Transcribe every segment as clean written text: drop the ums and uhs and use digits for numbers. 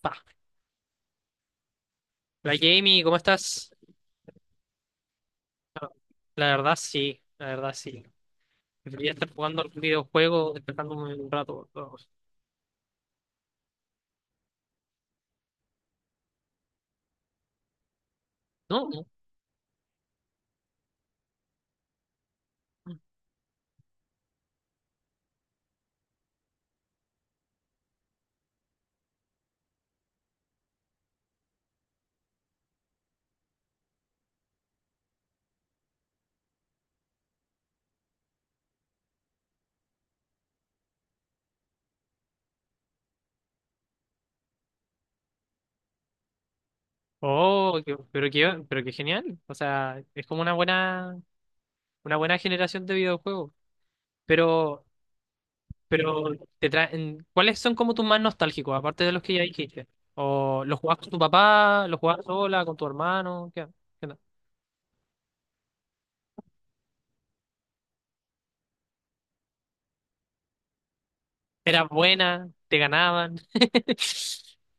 Pa. La Jamie, ¿cómo estás? La verdad sí, la verdad sí. Debería estar jugando algún videojuego, despertándome un rato, pero... No, no. Oh, qué... pero qué, pero qué genial. O sea, es como una buena generación de videojuegos. Pero, pero te traen, ¿cuáles son como tus más nostálgicos, aparte de los que ya dijiste? ¿O los jugabas con tu papá, los jugabas sola, con tu hermano? ¿Qué, qué onda? ¿Eras buena? ¿Te ganaban?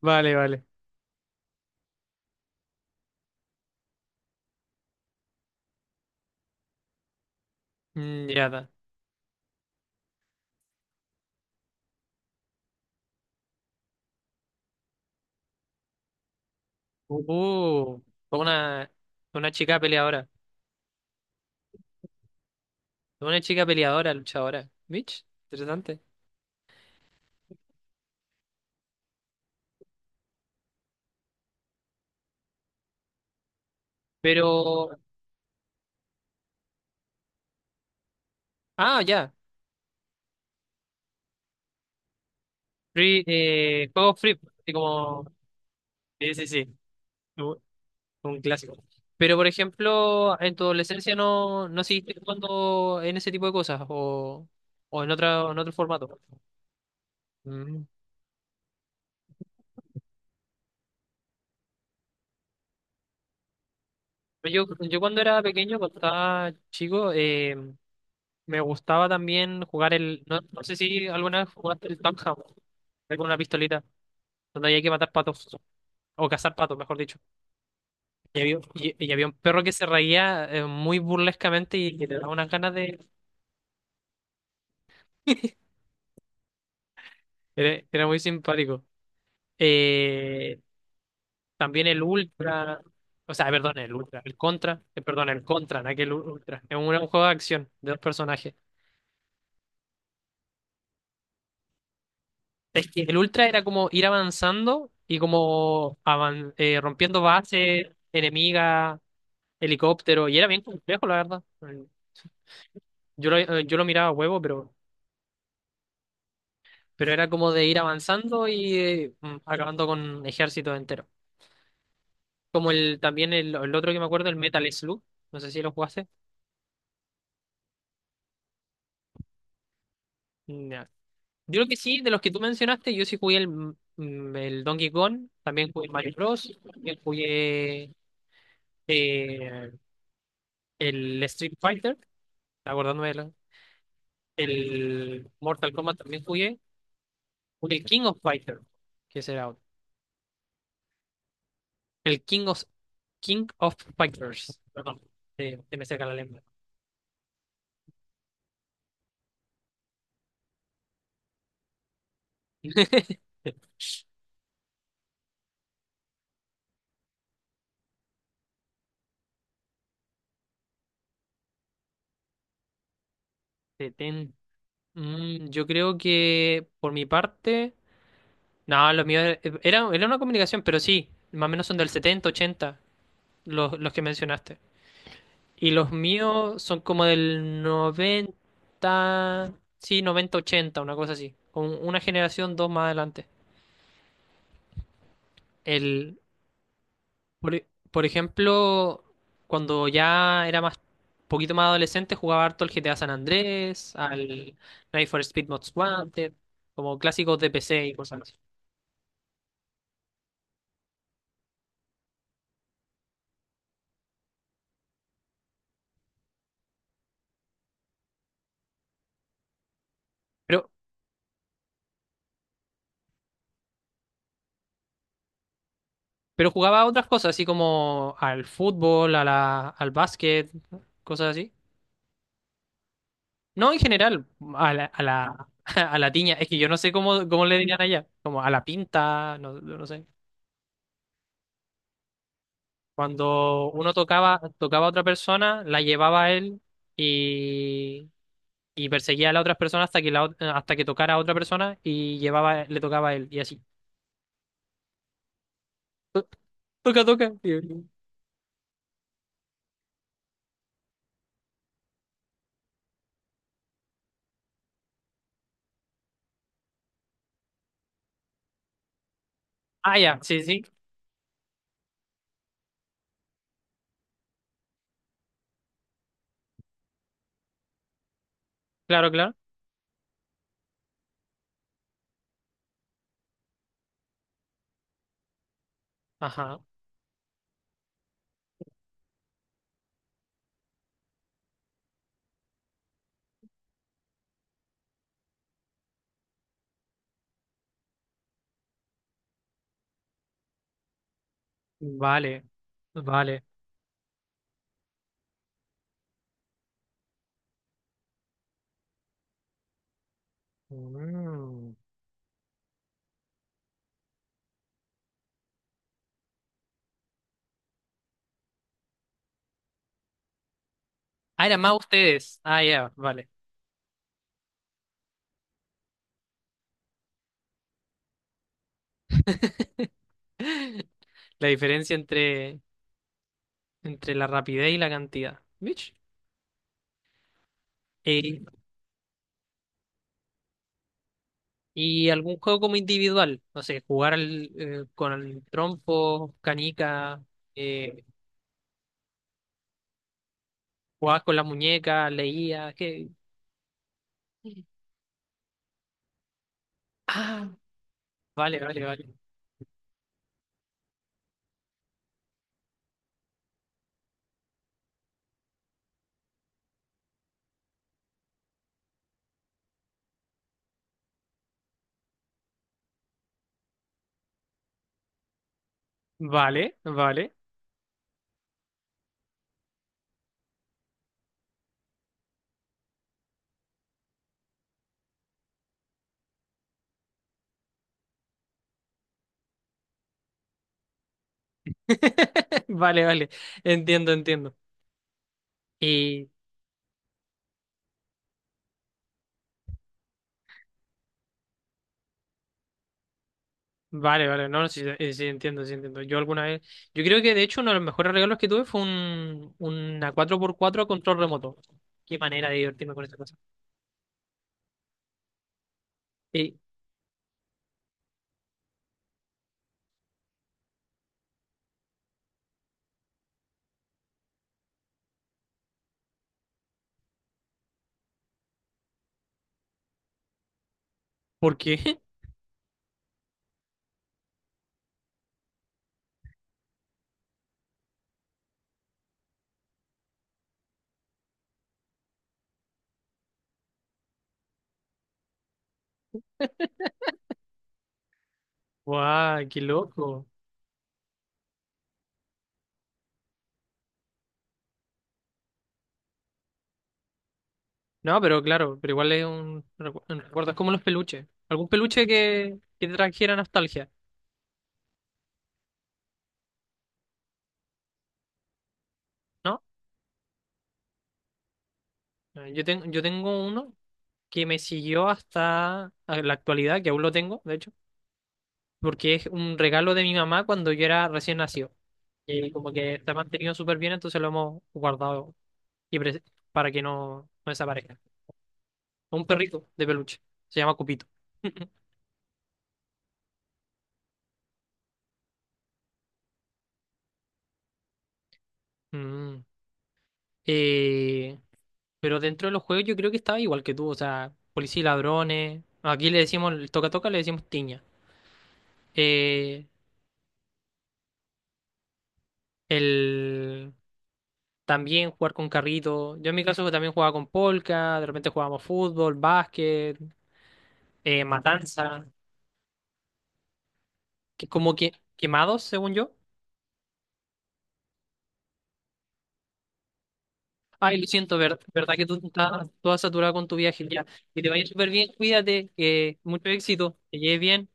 Vale, vale. Ya está. Uh, Fue una, fue una chica peleadora. Fue una chica peleadora, luchadora. Mitch, interesante. Pero, ah, ya. Free, juego free, así como, sí, sí, sí. Un un clásico. Pero, por ejemplo, en tu adolescencia no, no seguiste jugando en ese tipo de cosas, o en otra, o en otro formato. Mm. Yo cuando era pequeño, cuando estaba chico, me gustaba también jugar el, no, no sé si alguna vez jugaste el Tom Ham, con una pistolita, donde había que matar patos, o cazar patos, mejor dicho. Y había, y había un perro que se reía muy burlescamente y que te daba unas ganas de... Era, era muy simpático. Eh, También el Ultra, o sea, perdón, el Ultra, el Contra, perdón, el Contra, en aquel Ultra. Es un, era un juego de acción de dos personajes. Es que el Ultra era como ir avanzando y como rompiendo bases, enemiga, helicóptero, y era bien complejo, la verdad. Yo lo miraba a huevo, pero era como de ir avanzando y acabando con ejércitos enteros. Como el también el otro que me acuerdo, el Metal Slug, no sé si lo jugaste. Ya. Yo creo que sí, de los que tú mencionaste, yo sí jugué el, el Donkey Kong, también jugué el Mario Bros, también jugué eh, el Street Fighter, acordándome de la... el Mortal Kombat también jugué, jugué el King of Fighter, que será otro. El King of Fighters, perdón, te me seca la lengua. Setenta. Mm, yo creo que por mi parte, no, los míos era, era una comunicación, pero sí, más o menos son del 70 80 los que mencionaste. Y los míos son como del noventa, sí, 90 80 una cosa así, con una generación, dos más adelante. El, por, por ejemplo, cuando ya era más, poquito más adolescente, jugaba harto el GTA San Andrés, al Need for Speed Most Wanted, como clásicos de PC y cosas así. Pero Pero jugaba a otras cosas, así como al fútbol, a la, al básquet, cosas así. No, en general, a la, a la tiña. Es que yo no sé cómo, cómo le dirían allá. Como a la pinta, no, no sé. Cuando uno tocaba, tocaba a otra persona, la llevaba a él y, y perseguía a la otra persona hasta que, la, hasta que tocara a otra persona y llevaba, le tocaba a él y así. To- Toca, toca. Y... Ah, ya, sí, sí. Claro, claro. Ajá. Vale. Vale. Mm. Ah, eran más ustedes. Ah, ya, vale. La diferencia entre, entre la rapidez y la cantidad. ¿Vich? Eh, y algún juego como individual. No sé, jugar al, con el trompo, canica, eh, jugabas con la muñeca, leías. ¿Qué? Ah, vale, vale, vale. Vale, vale. Vale, vale. Entiendo, entiendo. Y vale, vale, no, sí, sí, entiendo, sí, entiendo. Yo alguna vez, yo creo que de hecho uno de los mejores regalos que tuve fue un, una cuatro por cuatro a control remoto. Qué manera de divertirme con esa cosa. Eh, ¿Por qué? ¡Guau, qué loco! No, pero claro, pero igual es un, un recuerdo, es como los peluches. Algún peluche que te trajera nostalgia, ¿no? Yo tengo uno que me siguió hasta la actualidad, que aún lo tengo, de hecho, porque es un regalo de mi mamá cuando yo era recién nacido. Y como que está mantenido súper bien, entonces lo hemos guardado y para que no, no desaparezca. Un perrito de peluche. Se llama Cupito. Mm. Eh, pero dentro de los juegos yo creo que estaba igual que tú. O sea, policía y ladrones. Aquí le decimos el toca toca, le decimos tiña. Eh, el también jugar con carrito. Yo en mi caso también jugaba con polka, de repente jugábamos fútbol, básquet, matanza, que es como que quemados, según yo. Ay, lo siento, verdad que tú estás toda saturada con tu viaje ya. Que te vaya súper bien, cuídate, que mucho éxito, que lleves bien.